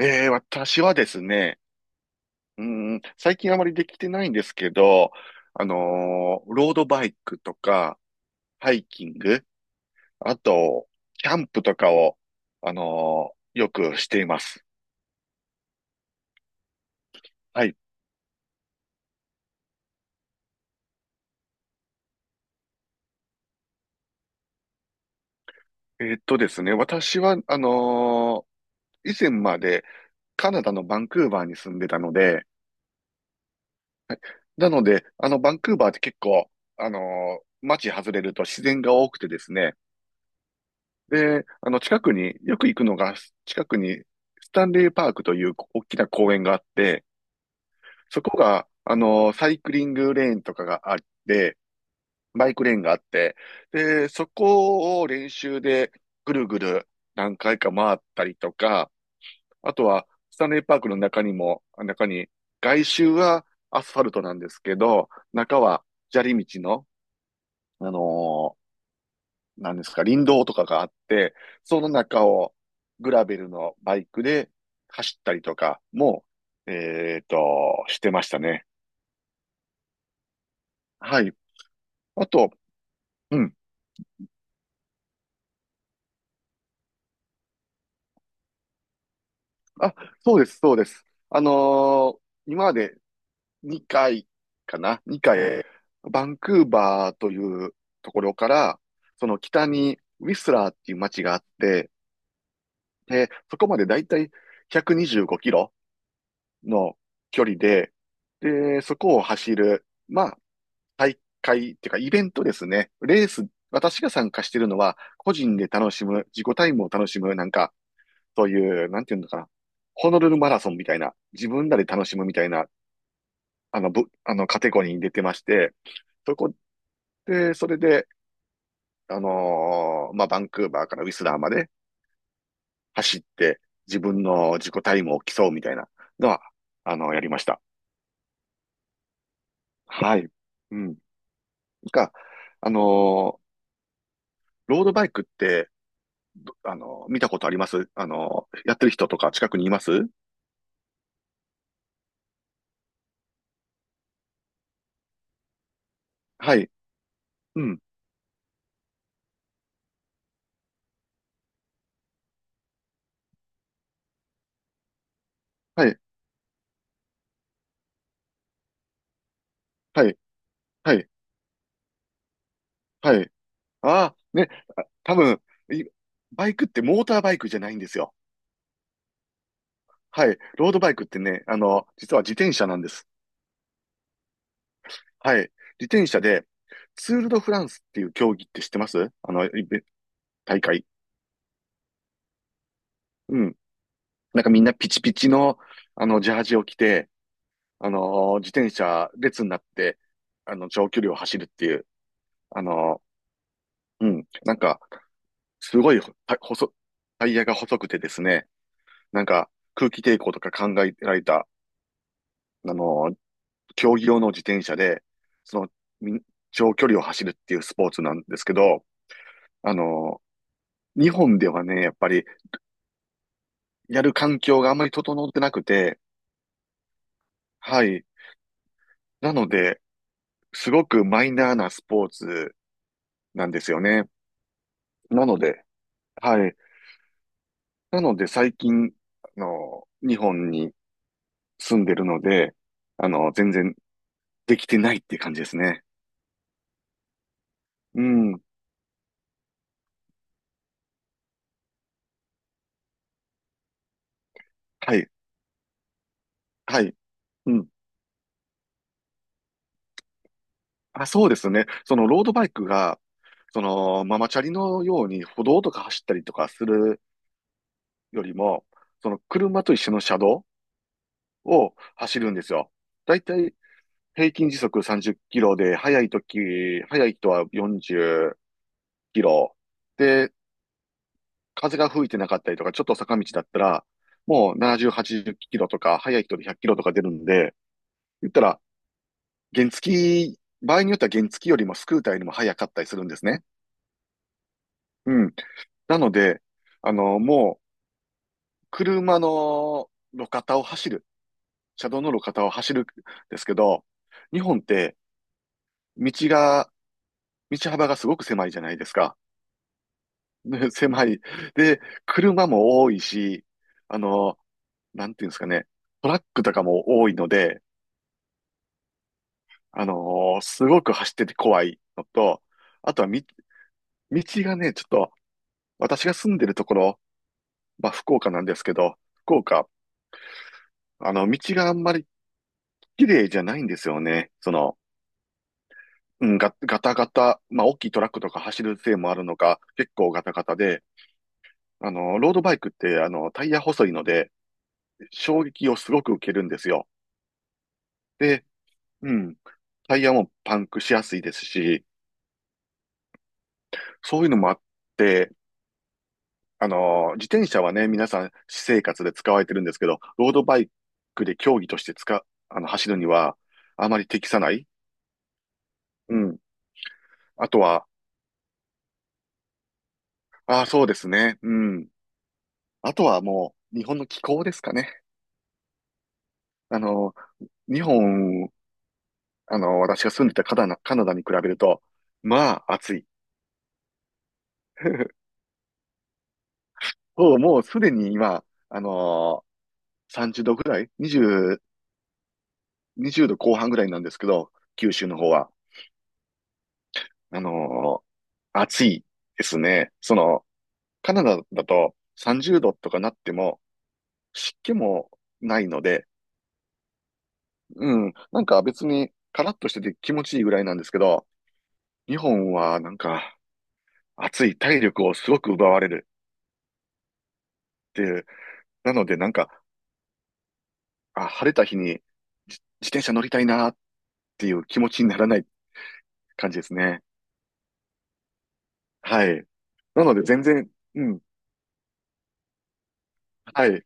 ええ、私はですね、うー最近あまりできてないんですけど、ロードバイクとか、ハイキング、あと、キャンプとかを、よくしています。はい。ですね、私は、以前までカナダのバンクーバーに住んでたので、なので、バンクーバーって結構、あの街外れると自然が多くてですね、で、近くに、よく行くのが、近くに、スタンレーパークという大きな公園があって、そこが、サイクリングレーンとかがあって、バイクレーンがあって、で、そこを練習でぐるぐる何回か回ったりとか、あとは、スタンレーパークの中にも、外周はアスファルトなんですけど、中は砂利道の、あのなんですか、林道とかがあって、その中をグラベルのバイクで走ったりとかも、えっと、してましたね。はい。あと、うん。あ、そうです、そうです。ー今まで2回かな？ 2 回、バンクーバーというところから、その北にウィスラーっていう街があって、で、そこまでだいたい1 2キロの距離で、で、そこを走る、まあ、大会っていうかイベントですね。レース、私が参加してるのは、個人で楽しむ、自己タイムを楽しむ、なんか、そういう、なんていうのかな。ホノルルマラソンみたいな、自分らで楽しむみたいな、あの、ぶ、あの、カテゴリーに出てまして、そこそれで、まあ、バンクーバーからウィスラーまで走って、自分の自己タイムを競うみたいなのは、やりました。はい。うん。が、あのーロードバイクって、見たことあります？やってる人とか近くにいます？はい。うん。はい。はい。はい。はい。ああ、ね。あ、多分、いバイクってモーターバイクじゃないんですよ。はい。ロードバイクってね、実は自転車なんです。はい。自転車で、ツール・ド・フランスっていう競技って知ってます？大会。うん。なんかみんなピチピチの、ジャージを着て、自転車列になって、長距離を走るっていう、あの、うん。なんか、すごいほた細、タイヤが細くてですね、なんか空気抵抗とか考えられた、あの、競技用の自転車で、その、み長距離を走るっていうスポーツなんですけど、あの、日本ではね、やっぱりやる環境があんまり整ってなくて、はい。なので、すごくマイナーなスポーツなんですよね。なので、はい。なので最近、日本に住んでるので、全然できてないっていう感じですね。うん。はい。はい。うん。あ、そうですね。そのロードバイクが、そのママチャリのように歩道とか走ったりとかするよりも、その車と一緒の車道を走るんですよ。だいたい平均時速30キロで、速い時、速い人は40キロ。で、風が吹いてなかったりとか、ちょっと坂道だったら、もう70、80キロとか、速い人で100キロとか出るんで、言ったら原付き、場合によっては原付きよりもスクーターよりも早かったりするんですね。うん。なので、もう、車の路肩を走る、車道の路肩を走るんですけど、日本って道が、道幅がすごく狭いじゃないですか。ね狭い。で、車も多いし、あの、なんていうんですかね、トラックとかも多いので、すごく走ってて怖いのと、あとは、道がね、ちょっと、私が住んでるところまあ、福岡なんですけど、福岡、あの、道があんまり綺麗じゃないんですよね。その、ガタガタ、まあ、大きいトラックとか走るせいもあるのか、結構ガタガタで、ロードバイクって、タイヤ細いので、衝撃をすごく受けるんですよ。で、うん、タイヤもパンクしやすいですし、そういうのもあって、自転車はね、皆さん、私生活で使われてるんですけど、ロードバイクで競技として使う、走るには、あまり適さない。うん。あとは、ああ、そうですね。うん。あとはもう、日本の気候ですかね。あの、日本、私が住んでたカナダに比べると、まあ、暑い。そう、もうすでに今、あの30度ぐらい ?20、20度後半ぐらいなんですけど、九州の方は。あの暑いですね。その、カナダだと30度とかなっても、湿気もないので、うん、なんか別にカラッとしてて気持ちいいぐらいなんですけど、日本はなんか暑い体力をすごく奪われるっていう。なのでなんか、あ、晴れた日に自転車乗りたいなっていう気持ちにならない感じですね。はい。なので全然、うん。はい。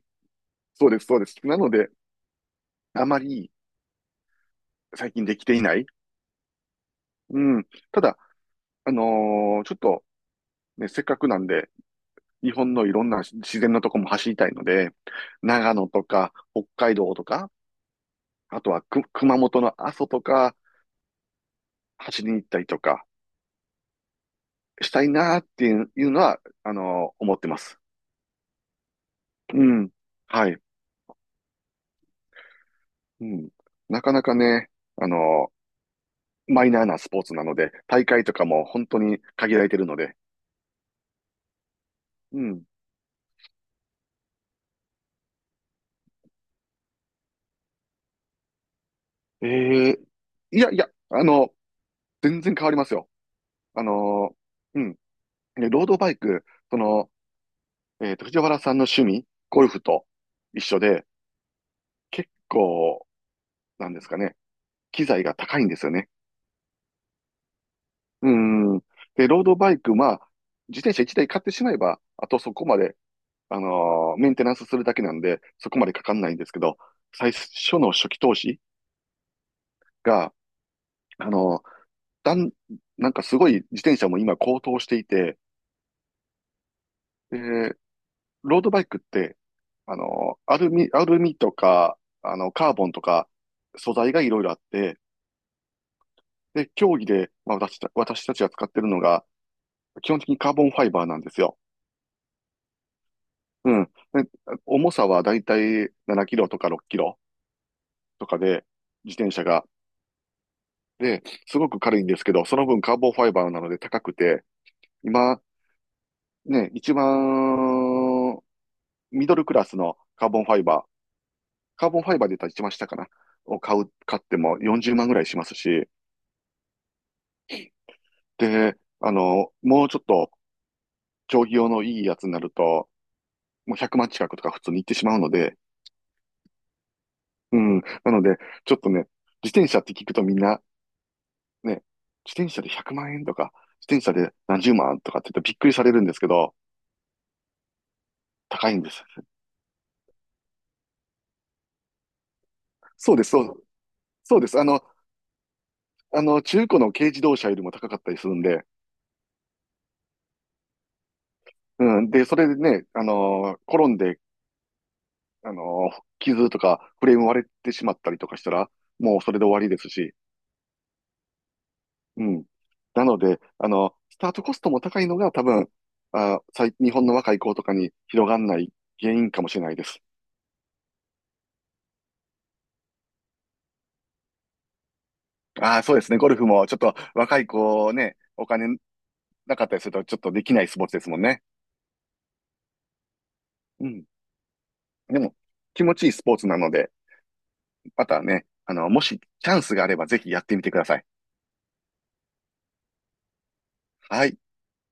そうです、そうです。なので、あまり最近できていない。うん。ただ、ちょっと、ね、せっかくなんで、日本のいろんな自然のとこも走りたいので、長野とか、北海道とか、あとは熊本の阿蘇とか、走りに行ったりとか、したいなっていうのは、思ってます。うん。はい。うん。なかなかね、あの、マイナーなスポーツなので、大会とかも本当に限られてるので。うん。ええいやいや、全然変わりますよ。あの、うん。でロードバイク、その、藤原さんの趣味、ゴルフと一緒で、結構、なんですかね、機材が高いんですよね。うん。で、ロードバイク、まあ、自転車1台買ってしまえば、あとそこまでメンテナンスするだけなんで、そこまでかかんないんですけど、最初の初期投資が、あのーだん、なんかすごい自転車も今高騰していて、で、ロードバイクって、アルミとか、カーボンとか、素材がいろいろあって、で、競技で、まあ、私たちが使ってるのが、基本的にカーボンファイバーなんですよ。うん。で重さはだいたい7キロとか6キロとかで、自転車がで、すごく軽いんですけど、その分カーボンファイバーなので高くて、今、ね、一番ミドルクラスのカーボンファイバー、カーボンファイバーで言ったら一番下かな、を買う、買っても40万ぐらいしますし、で、もうちょっと競技用のいいやつになると、もう100万近くとか普通に行ってしまうので、うん、なので、ちょっとね、自転車って聞くとみんな、ね、自転車で100万円とか、自転車で何十万とかって言ってびっくりされるんですけど、高いんです。そうです、そう、そうです。中古の軽自動車よりも高かったりするんで、うん。で、それでね、転んで、傷とかフレーム割れてしまったりとかしたら、もうそれで終わりですし、うん。なので、スタートコストも高いのが多分、あ、日本の若い子とかに広がんない原因かもしれないです。ああ、そうですね。ゴルフもちょっと若い子ね、お金なかったりするとちょっとできないスポーツですもんね。うん。でも、気持ちいいスポーツなので、またね、もしチャンスがあればぜひやってみてください。はい。